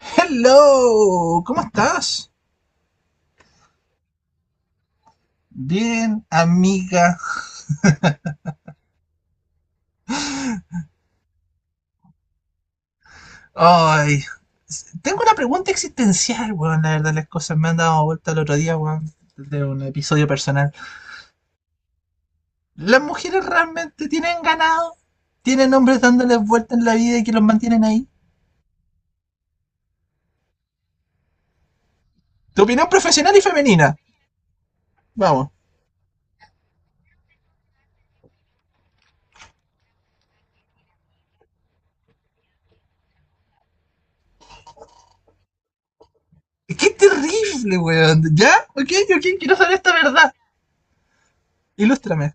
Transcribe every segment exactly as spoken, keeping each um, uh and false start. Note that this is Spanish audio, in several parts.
Hello, ¿cómo estás? Bien, amiga. Ay, tengo una pregunta existencial, weón. La verdad, las cosas me han dado vuelta el otro día, weón, de un episodio personal. ¿Las mujeres realmente tienen ganado? ¿Tienen hombres dándoles vuelta en la vida y que los mantienen ahí? Tu opinión profesional y femenina. Vamos. ¡Qué terrible, weón! ¿Ya? Ok, ok, quiero saber esta verdad. Ilústrame.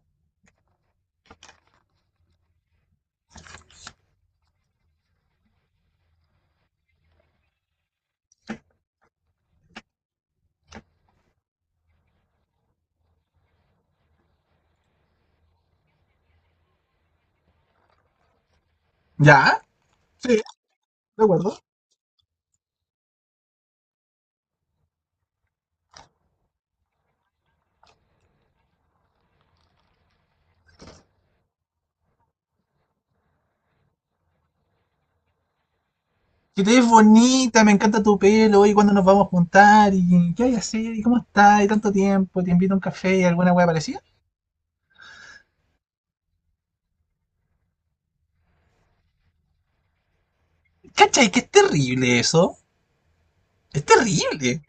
¿Ya? Sí, de acuerdo. Que te ves bonita, me encanta tu pelo, y cuándo nos vamos a juntar, y qué hay que hacer, y cómo estás, y tanto tiempo, te invito a un café, y alguna wea parecida. ¿Cachai? Que es terrible eso. Es terrible.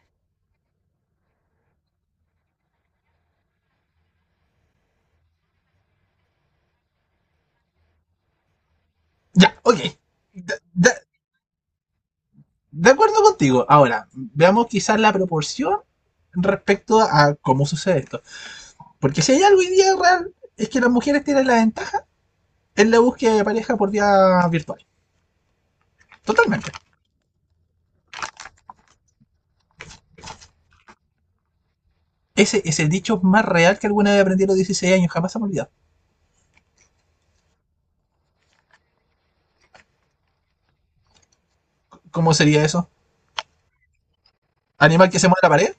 Ya, ok. De, de- de acuerdo contigo. Ahora, veamos quizás la proporción respecto a cómo sucede esto. Porque si hay algo hoy día real, es que las mujeres tienen la ventaja en la búsqueda de pareja por vía virtual. Totalmente. Ese es el dicho más real que alguna vez aprendí a los dieciséis años, jamás se me olvidado. ¿Cómo sería eso? Animal que se mueve a la pared.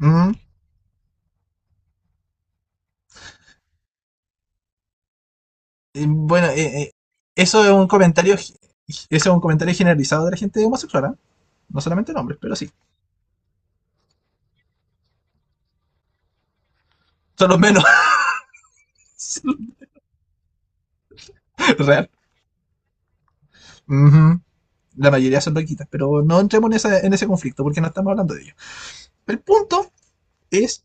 Mm. Eh, Bueno, eh, eh, eso es un comentario, gi- eso es un comentario generalizado de la gente homosexual, ¿ah? No solamente en hombres, pero sí, son los menos real. Ujú. La mayoría son loquitas, pero no entremos en, esa- en ese conflicto porque no estamos hablando de ello. El punto es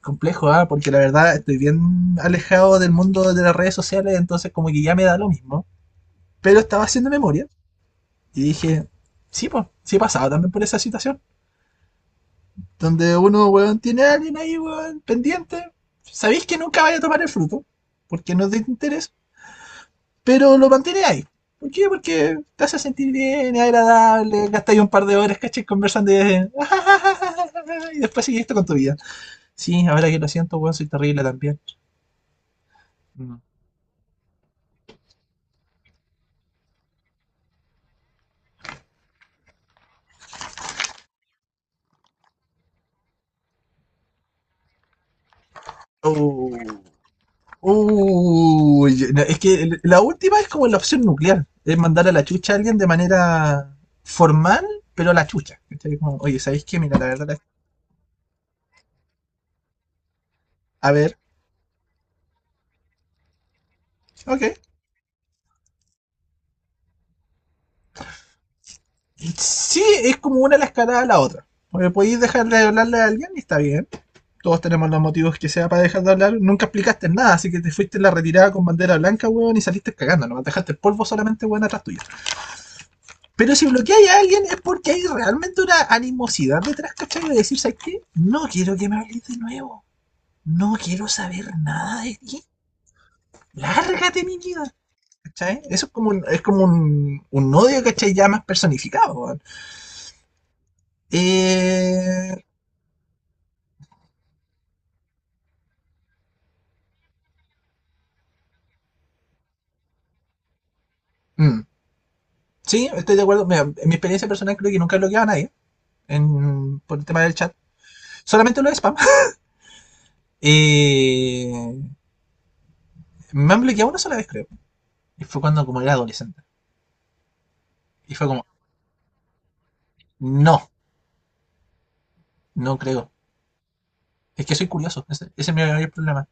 complejo, ¿ah? Porque la verdad estoy bien alejado del mundo de las redes sociales, entonces como que ya me da lo mismo. Pero estaba haciendo memoria y dije, sí, pues, sí he pasado también por esa situación. Donde uno, weón, tiene a alguien ahí, weón, pendiente. Sabéis que nunca vaya a tomar el fruto, porque no es de interés, pero lo mantiene ahí. ¿Por qué? Porque te hace sentir bien, es agradable, gastáis un par de horas, caché, conversando y, de- y después seguiste con tu vida. Sí, ahora que lo siento, weón, soy terrible también. Mm. Oh. No, es que la última es como la opción nuclear, es mandar a la chucha a alguien de manera formal, pero a la chucha. Como, oye, ¿sabéis qué? Mira, la verdad es a ver, ok. Sí, es como una la escalada a la otra. Porque podéis dejar de hablarle a alguien y está bien. Todos tenemos los motivos que sea para dejar de hablar. Nunca explicaste nada, así que te fuiste en la retirada con bandera blanca, weón, y saliste cagando. No dejaste el polvo solamente, weón, atrás tuyo. Pero si bloqueáis a alguien es porque hay realmente una animosidad detrás, ¿cachai? De decir, ¿sabes qué? No quiero que me hables de nuevo. No quiero saber nada de ti. Lárgate, mi vida. ¿Cachai? Eso es como un, es como un, un odio, ¿cachai? Ya más personificado, weón. Eh, mm, sí, estoy de acuerdo. Mira, en mi experiencia personal creo que nunca he bloqueado a nadie en- por el tema del chat. Solamente lo de spam. Eh, me han bloqueado una sola vez, creo. Y fue cuando como era adolescente. Y fue como, no, no creo. Es que soy curioso. Ese, ese es mi mayor problema.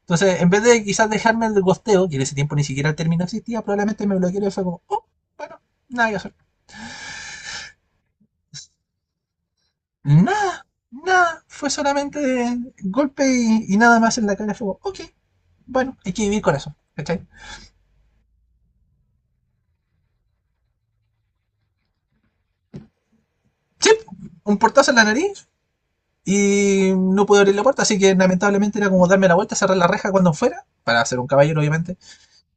Entonces, en vez de quizás dejarme el gosteo, que en ese tiempo ni siquiera el término existía, probablemente me bloquearon y fue como, oh, bueno, nada que hacer. Nada, nada, fue solamente golpe y, y nada más en la cara. Fue como, ok, bueno, hay que vivir con eso, ¿cachai? Sí, un portazo en la nariz y no pude abrir la puerta, así que lamentablemente era como darme la vuelta, cerrar la reja cuando fuera, para ser un caballero obviamente,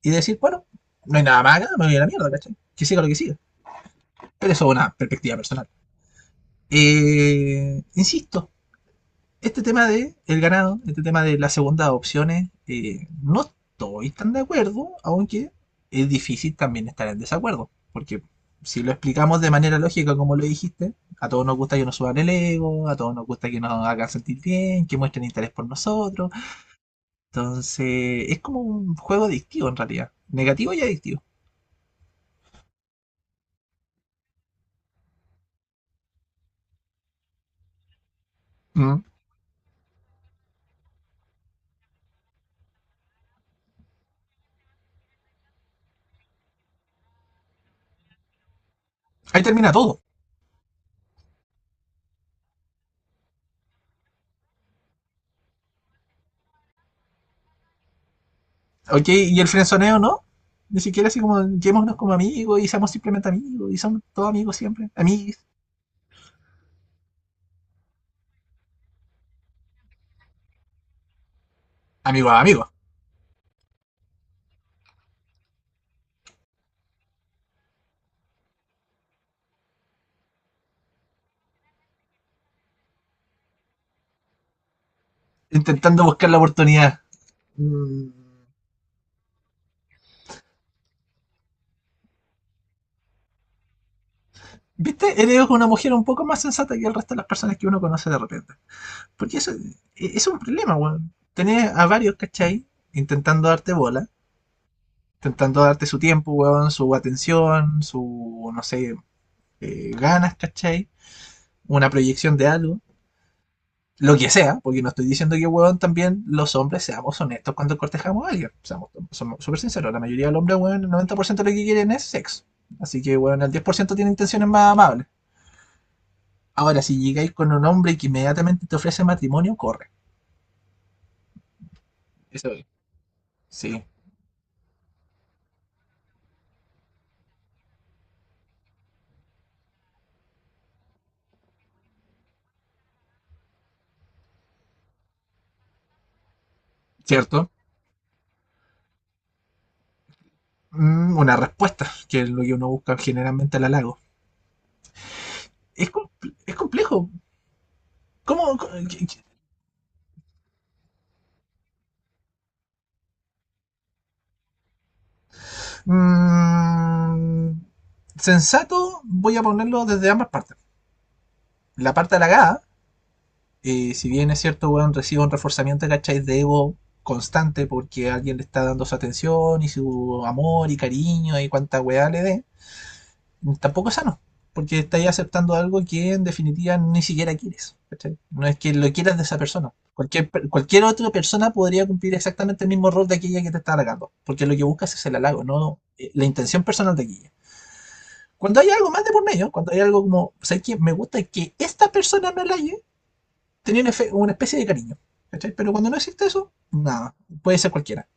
y decir, bueno, no hay nada más acá, me voy a la mierda, ¿cachai? Que siga lo que siga. Pero eso es una perspectiva personal. Eh, insisto, este tema de el ganado, este tema de las segundas opciones, eh, no estoy tan de acuerdo, aunque es difícil también estar en desacuerdo, porque si lo explicamos de manera lógica, como lo dijiste, a todos nos gusta que nos suban el ego, a todos nos gusta que nos hagan sentir bien, que muestren interés por nosotros. Entonces, es como un juego adictivo en realidad, negativo y adictivo. Mm. Ahí termina todo. Ok, y el frenzoneo no. Ni siquiera así como, llevémonos como amigos y seamos simplemente amigos y somos todos amigos siempre, amigos. Amigos a amigos, intentando buscar la oportunidad. Mm. ¿Viste? Eres una mujer un poco más sensata que el resto de las personas que uno conoce de repente. Porque eso eso es un problema, weón. Tener a varios, ¿cachai? Intentando darte bola, intentando darte su tiempo, weón, su atención, su, no sé, eh, ganas, ¿cachai? Una proyección de algo. Lo que sea, porque no estoy diciendo que, weón, también los hombres seamos honestos cuando cortejamos a alguien. Seamos, somos súper sinceros, la mayoría de los hombres, weón, el noventa por ciento de lo que quieren es sexo. Así que, weón, el diez por ciento tiene intenciones más amables. Ahora, si llegáis con un hombre que inmediatamente te ofrece matrimonio, corre. Eso es. Sí, ¿cierto? Mm, una respuesta, que es lo que uno busca generalmente al halago. Es, compl- es complejo. ¿Cómo? co- qué- qué- Mm, sensato, voy a ponerlo desde ambas partes. La parte halagada, eh, si bien es cierto, weón, recibe un reforzamiento, ¿cachai? De ego constante porque alguien le está dando su atención y su amor y cariño y cuánta weá le dé, tampoco es sano. Porque estáis aceptando algo que en definitiva ni siquiera quieres. ¿Cachai? No es que lo quieras de esa persona. Cualquier, per- cualquier otra persona podría cumplir exactamente el mismo rol de aquella que te está halagando. Porque lo que buscas es el halago, no eh, la intención personal de aquella. Cuando hay algo más de por medio, cuando hay algo como, ¿sabes qué? Me gusta que esta persona me halague, tenía una, una especie de cariño. ¿Cachai? Pero cuando no existe eso, nada, puede ser cualquiera.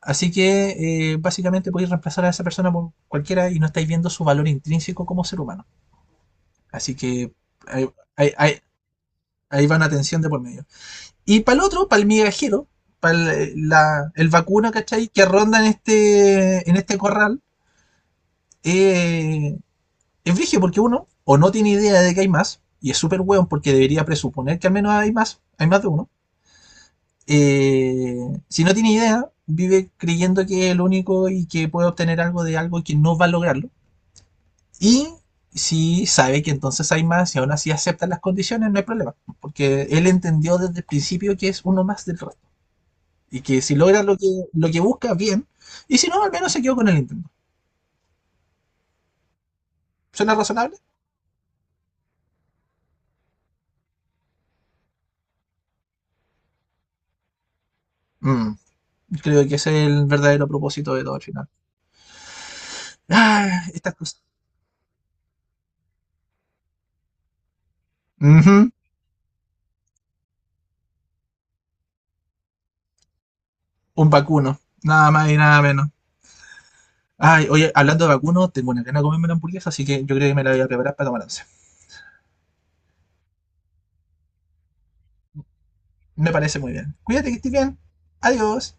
Así que eh, básicamente podéis reemplazar a esa persona por cualquiera y no estáis viendo su valor intrínseco como ser humano. Así que ahí, ahí- ahí- ahí va una tensión de por medio. Y para el otro, para el migajero, para el, la- el vacuno, ¿cachai? Que ronda en este, en este corral, eh, es vigio porque uno o no tiene idea de que hay más, y es súper weón porque debería presuponer que al menos hay más, hay más de uno eh, si no tiene idea, vive creyendo que es el único y que puede obtener algo de algo que no va a lograrlo. Y si sabe que entonces hay más y aún así acepta las condiciones, no hay problema. Porque él entendió desde el principio que es uno más del resto. Y que si logra lo que, lo que, busca, bien. Y si no, al menos se quedó con el intento. ¿Suena razonable? Mm, Creo que ese es el verdadero propósito de todo al final. Ah, estas cosas. Ujú. Un vacuno. Nada más y nada menos. Ay, oye, hablando de vacuno, tengo una gana de comerme una hamburguesa, así que yo creo que me la voy a preparar para tomar once. Me parece muy bien. Cuídate que estés bien. Adiós.